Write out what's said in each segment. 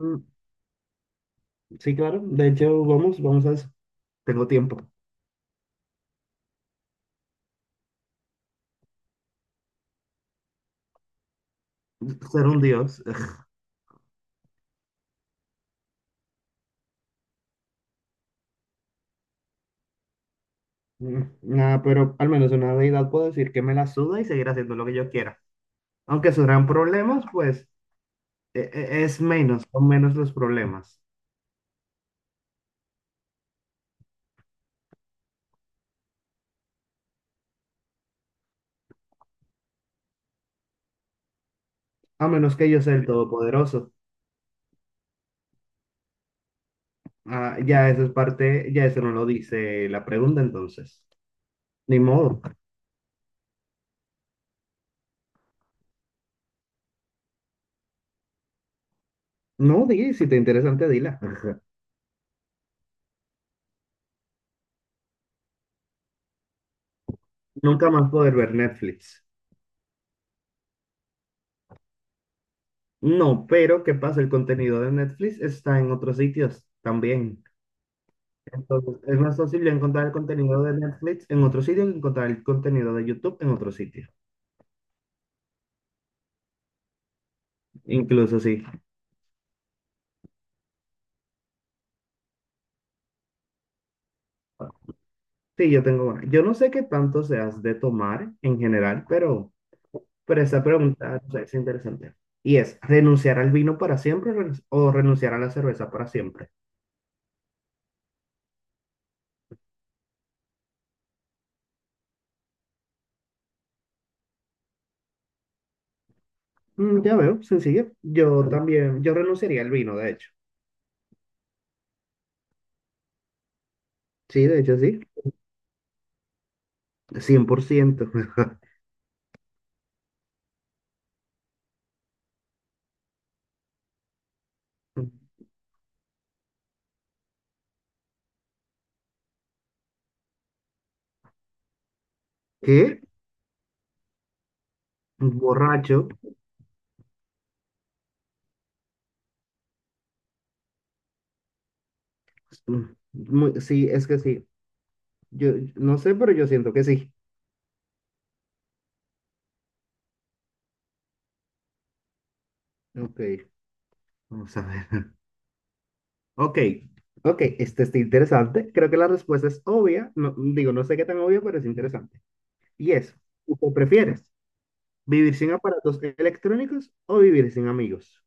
Mm, sí, claro. De hecho, vamos, vamos a eso. Tengo tiempo. Ser un dios. Nada, pero al menos una deidad puedo decir que me la suda y seguir haciendo lo que yo quiera. Aunque surjan problemas, pues es menos, son menos los problemas. A menos que yo sea el todopoderoso. Ah, ya eso es parte, ya eso no lo dice la pregunta, entonces. Ni modo. No, di, si te interesa, te dila. Nunca más poder ver Netflix. No, pero ¿qué pasa? El contenido de Netflix está en otros sitios también. Entonces, es más fácil encontrar el contenido de Netflix en otro sitio que encontrar el contenido de YouTube en otro sitio. Incluso sí. Sí, yo tengo una. Yo no sé qué tanto seas de tomar en general, pero esa pregunta, o sea, es interesante. Y es, ¿renunciar al vino para siempre o renunciar a la cerveza para siempre? Ya veo, sencillo. Yo también, yo renunciaría al vino, de hecho. Sí, de hecho sí. 100%. ¿Qué? Borracho. Mm, sí, es que sí. Yo no sé, pero yo siento que sí. Ok. Vamos a ver. Ok, ok, este está interesante. Creo que la respuesta es obvia. No, digo, no sé qué tan obvia, pero es interesante. Y es, ¿tú prefieres vivir sin aparatos electrónicos o vivir sin amigos?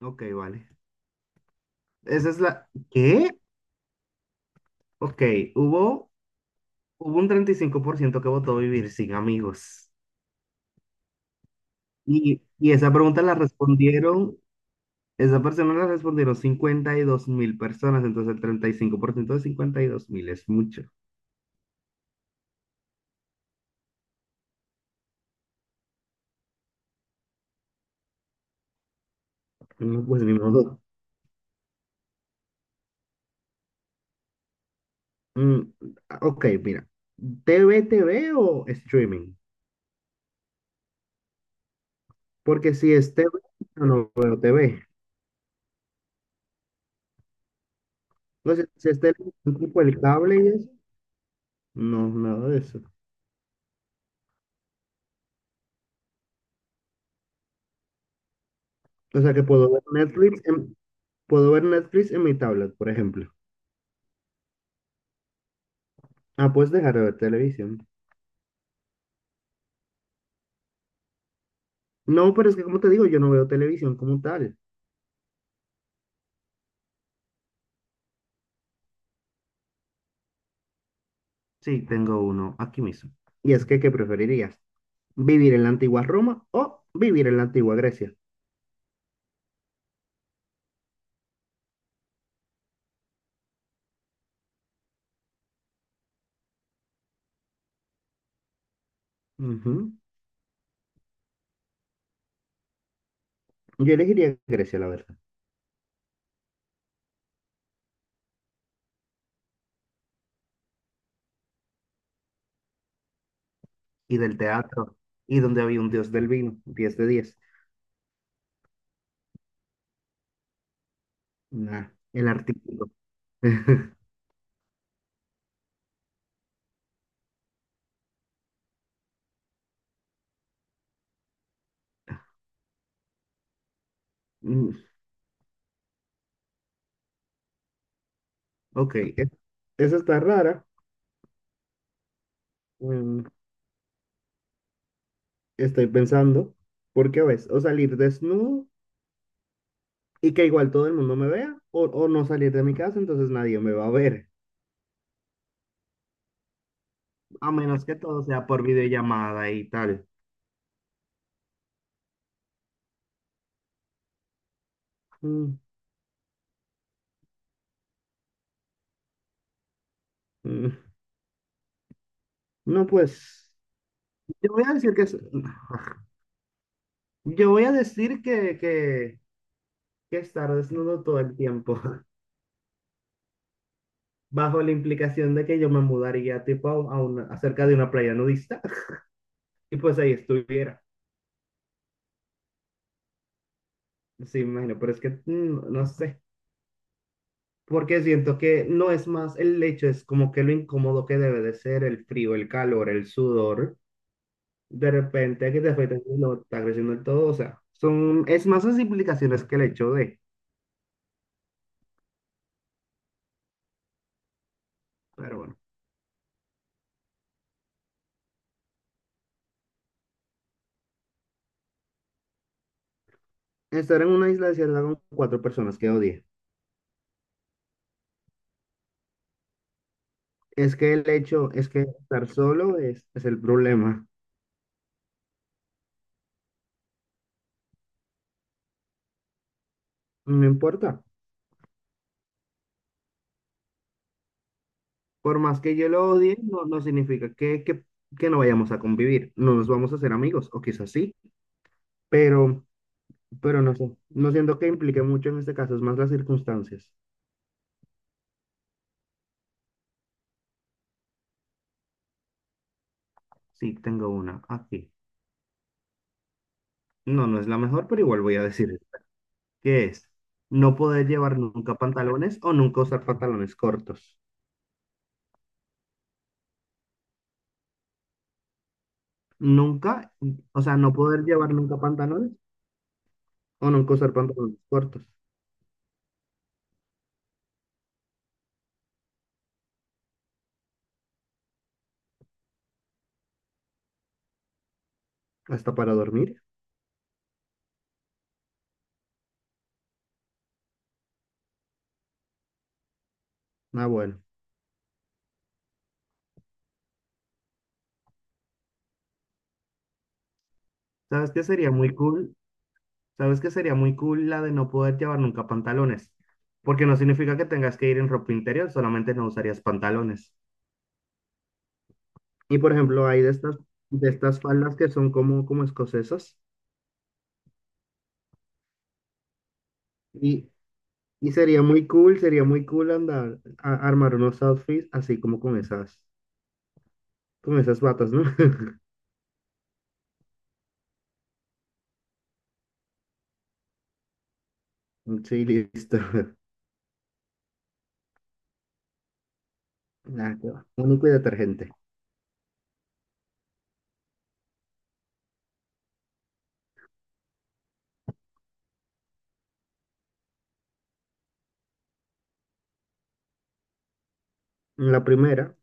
Ok, vale. ¿Qué? Ok, hubo, hubo un 35% que votó vivir sin amigos. Y esa pregunta la respondieron. Esa persona le respondieron 52.000 personas, entonces el 35% de 52.000 es mucho. No, pues ni modo. Mm, ok, mira. T V o streaming? Porque si es TV, yo no veo T V. Entonces, si es televisión tipo el cable y eso, no, nada de eso. O sea que puedo ver Netflix en, mi tablet, por ejemplo. Ah, puedes dejar de ver televisión. No, pero es que, como te digo, yo no veo televisión como tal. Sí, tengo uno aquí mismo. Y es que, ¿qué preferirías? ¿Vivir en la antigua Roma o vivir en la antigua Grecia? Ujú. Yo elegiría Grecia, la verdad. Y del teatro, y donde había un dios del vino, 10 de 10. Nah, el artículo. Mm, ok, esa está rara. Mm, Estoy pensando, porque a veces, o salir desnudo y que igual todo el mundo me vea, o no salir de mi casa, entonces nadie me va a ver, a menos que todo sea por videollamada y tal. Mm, mm, No, pues, yo voy a decir que es... Yo voy a decir que estar desnudo todo el tiempo, bajo la implicación de que yo me mudaría tipo a, una, acerca de una playa nudista y pues ahí estuviera. Sí, me imagino, pero es que no sé, porque siento que no es más el hecho, es como que lo incómodo que debe de ser el frío, el calor, el sudor, de repente que te afecta el no está creciendo el todo, o sea, son, es más las implicaciones que el hecho de, pero bueno, estar en una isla desierta con cuatro personas que odié. Es que el hecho es que estar solo es el problema. No importa. Por más que yo lo odie, no significa que no vayamos a convivir. No nos vamos a hacer amigos, o quizás sí, pero, pero, no sé. No siento que implique mucho en este caso, es más las circunstancias. Sí, tengo una aquí. No, no es la mejor, pero igual voy a decir esta, que es no poder llevar nunca pantalones o nunca usar pantalones cortos. Nunca, o sea, no poder llevar nunca pantalones o nunca usar pantalones cortos. Hasta para dormir. Ah, bueno. ¿Sabes qué sería muy cool? ¿Sabes qué sería muy cool la de no poder llevar nunca pantalones? Porque no significa que tengas que ir en ropa interior, solamente no usarías pantalones. Y por ejemplo, hay de estas, faldas que son como escocesas. Y, y sería muy cool andar a, armar unos outfits así como con esas batas, ¿no? Sí, listo. Nada, que va. Único y detergente. La primera,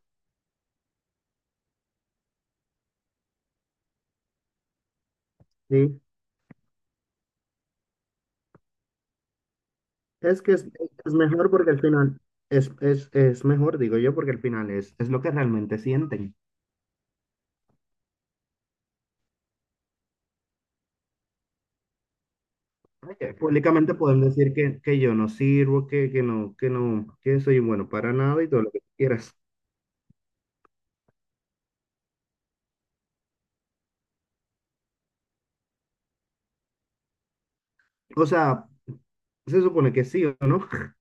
sí, es que es mejor porque al final, es mejor, digo yo, porque al final es lo que realmente sienten. Oye, públicamente pueden decir que yo no sirvo, que no, que no, que soy bueno para nada y todo lo que quieras. O sea, se supone que sí o no.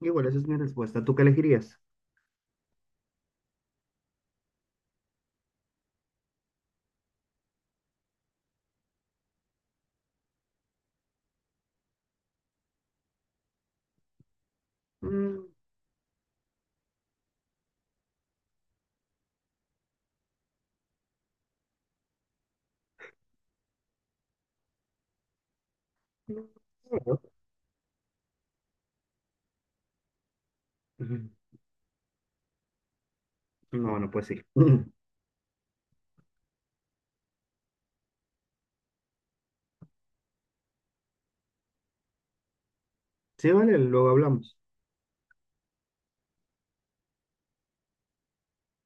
Igual esa es mi respuesta. ¿Tú qué elegirías? Mm, no, no, no, pues sí. Sí, vale, luego hablamos.